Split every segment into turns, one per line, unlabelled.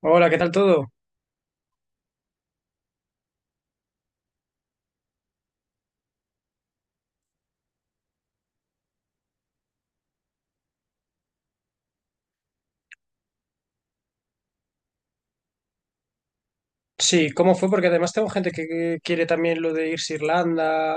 Hola, ¿qué tal todo? Sí, ¿cómo fue? Porque además tengo gente que quiere también lo de irse a Irlanda.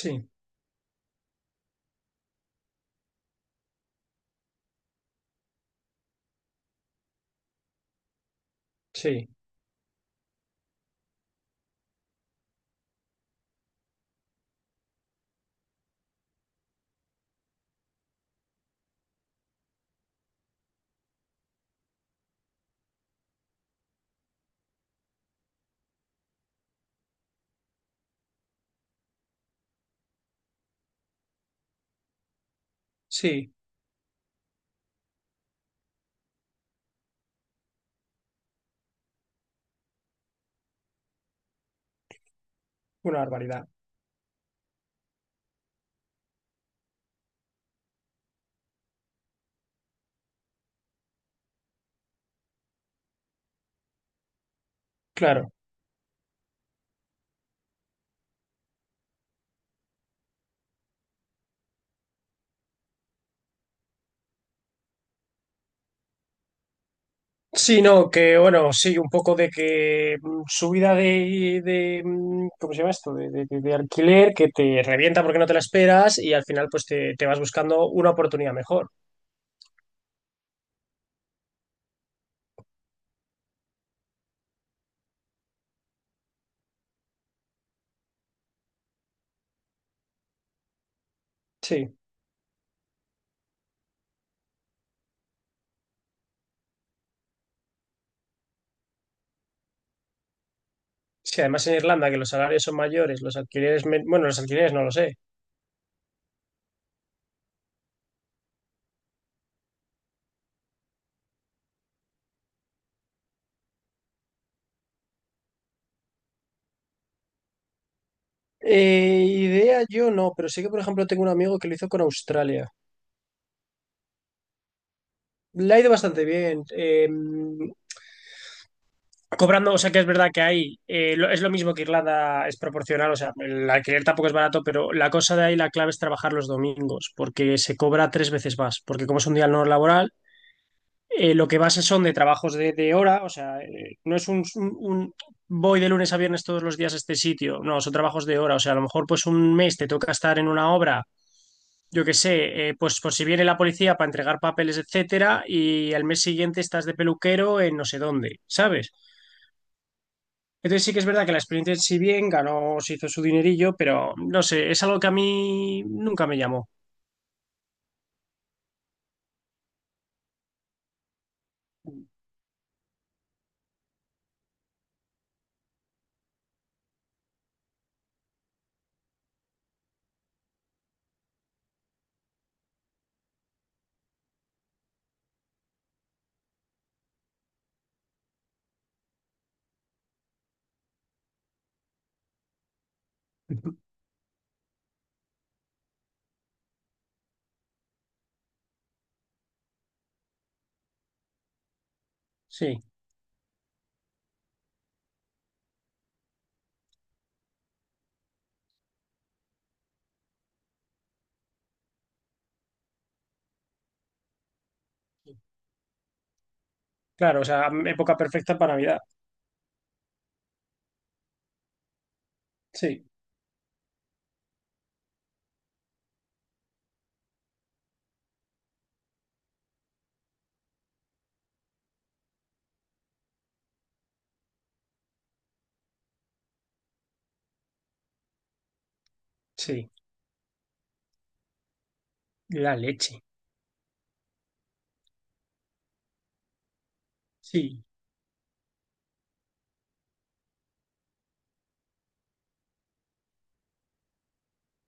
Sí, sí, sí, una barbaridad. Claro. Sí, no, que bueno, sí, un poco de que subida de, ¿cómo se llama esto? De alquiler que te revienta porque no te la esperas y al final pues te vas buscando una oportunidad mejor. Sí, sí, además en Irlanda que los salarios son mayores, los alquileres, bueno, los alquileres no lo sé. Idea yo no, pero sí que por ejemplo tengo un amigo que lo hizo con Australia. Le ha ido bastante bien, cobrando, o sea que es verdad que hay, es lo mismo que Irlanda, es proporcional, o sea, el alquiler tampoco es barato, pero la cosa de ahí, la clave es trabajar los domingos, porque se cobra tres veces más, porque como es un día no laboral, lo que vas es son de trabajos de hora, o sea, no es un voy de lunes a viernes todos los días a este sitio, no, son trabajos de hora, o sea, a lo mejor pues un mes te toca estar en una obra, yo qué sé, pues por si viene la policía para entregar papeles, etcétera, y al mes siguiente estás de peluquero en no sé dónde, ¿sabes? Entonces sí que es verdad que la experiencia si bien ganó, se hizo su dinerillo, pero no sé, es algo que a mí nunca me llamó. Sí, claro, o sea, época perfecta para Navidad. Sí, sí, la leche. Sí,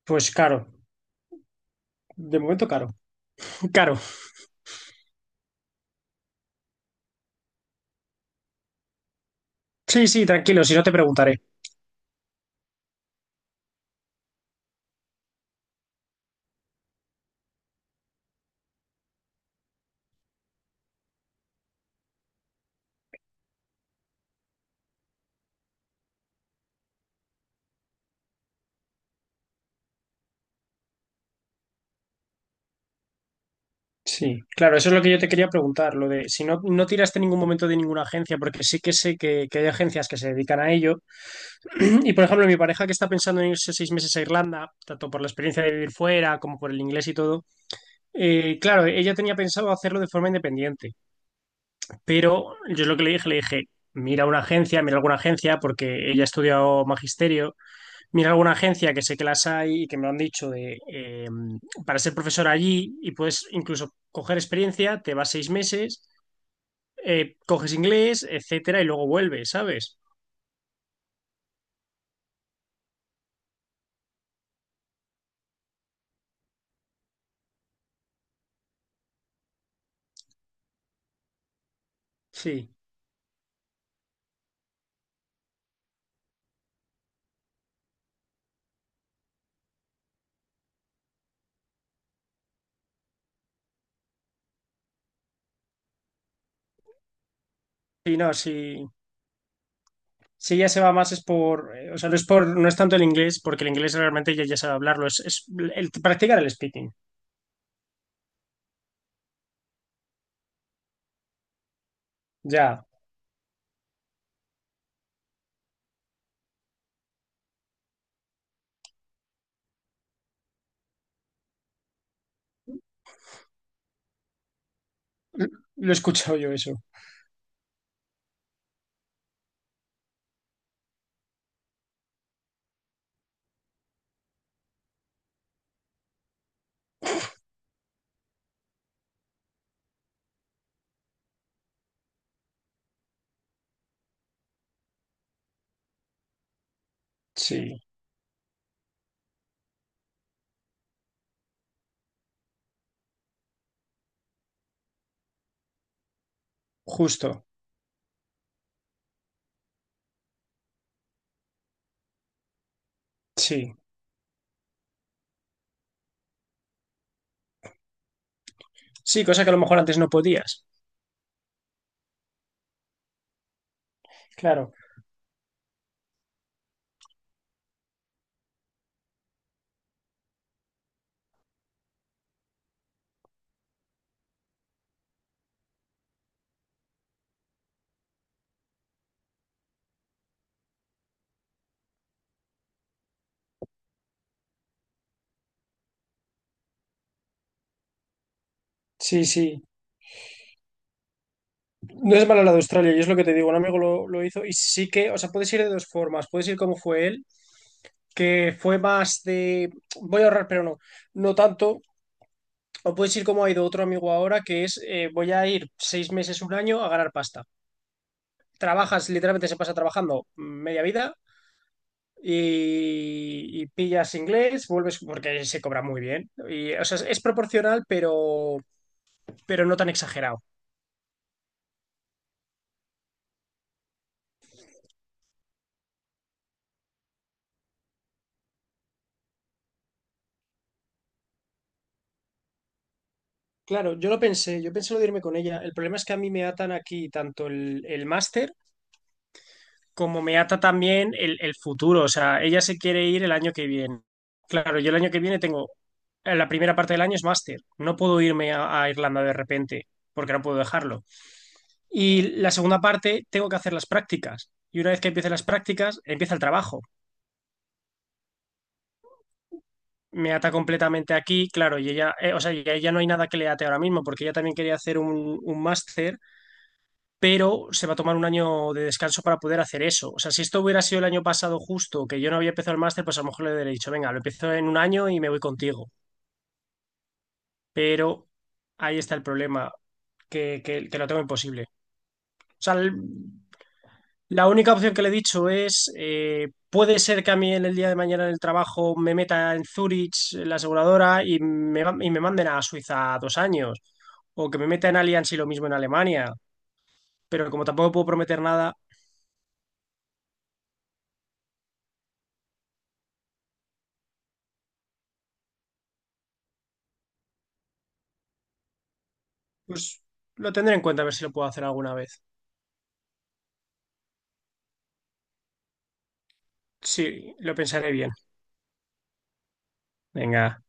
pues caro, de momento caro. Caro. Sí, sí, tranquilo, si no te preguntaré. Sí, claro, eso es lo que yo te quería preguntar, lo de si no, no tiraste en ningún momento de ninguna agencia, porque sí que sé que hay agencias que se dedican a ello. Y por ejemplo, mi pareja que está pensando en irse 6 meses a Irlanda, tanto por la experiencia de vivir fuera como por el inglés y todo, claro, ella tenía pensado hacerlo de forma independiente, pero yo es lo que le dije, mira una agencia, mira alguna agencia, porque ella ha estudiado magisterio, mira alguna agencia que sé que las hay y que me lo han dicho para ser profesor allí y puedes incluso coger experiencia, te vas 6 meses, coges inglés, etcétera, y luego vuelves, ¿sabes? Sí, sí, no, sí. Si ya se va más es por, o sea, no es por, no es tanto el inglés, porque el inglés realmente ya sabe hablarlo, es el practicar el speaking. Ya, L- lo he escuchado yo eso. Sí, justo. Sí. Sí, cosa que a lo mejor antes no podías. Claro. Sí, sí. No es malo la de Australia, y es lo que te digo, un amigo lo hizo y sí que, o sea, puedes ir de dos formas, puedes ir como fue él, que fue más de voy a ahorrar, pero no, no tanto. O puedes ir como ha ido otro amigo ahora, que es voy a ir 6 meses, un año a ganar pasta. Trabajas, literalmente se pasa trabajando media vida y pillas inglés, vuelves porque se cobra muy bien. Y, o sea, es proporcional, pero no tan exagerado. Claro, yo lo pensé, yo pensé lo de irme con ella. El problema es que a mí me atan aquí tanto el máster como me ata también el futuro. O sea, ella se quiere ir el año que viene. Claro, yo el año que viene tengo, la primera parte del año es máster. No puedo irme a Irlanda de repente porque no puedo dejarlo. Y la segunda parte tengo que hacer las prácticas. Y una vez que empiece las prácticas, empieza el trabajo. Me ata completamente aquí, claro, y ella, o sea, ya no hay nada que le ate ahora mismo, porque ella también quería hacer un máster pero se va a tomar un año de descanso para poder hacer eso. O sea, si esto hubiera sido el año pasado justo, que yo no había empezado el máster, pues a lo mejor le hubiera dicho, venga, lo empiezo en un año y me voy contigo. Pero ahí está el problema, que lo tengo imposible. O sea, la única opción que le he dicho es, puede ser que a mí en el día de mañana en el trabajo me meta en Zurich, en la aseguradora, y y me manden a Suiza 2 años, o que me meta en Allianz y lo mismo en Alemania, pero como tampoco puedo prometer nada, pues lo tendré en cuenta a ver si lo puedo hacer alguna vez. Sí, lo pensaré bien. Venga.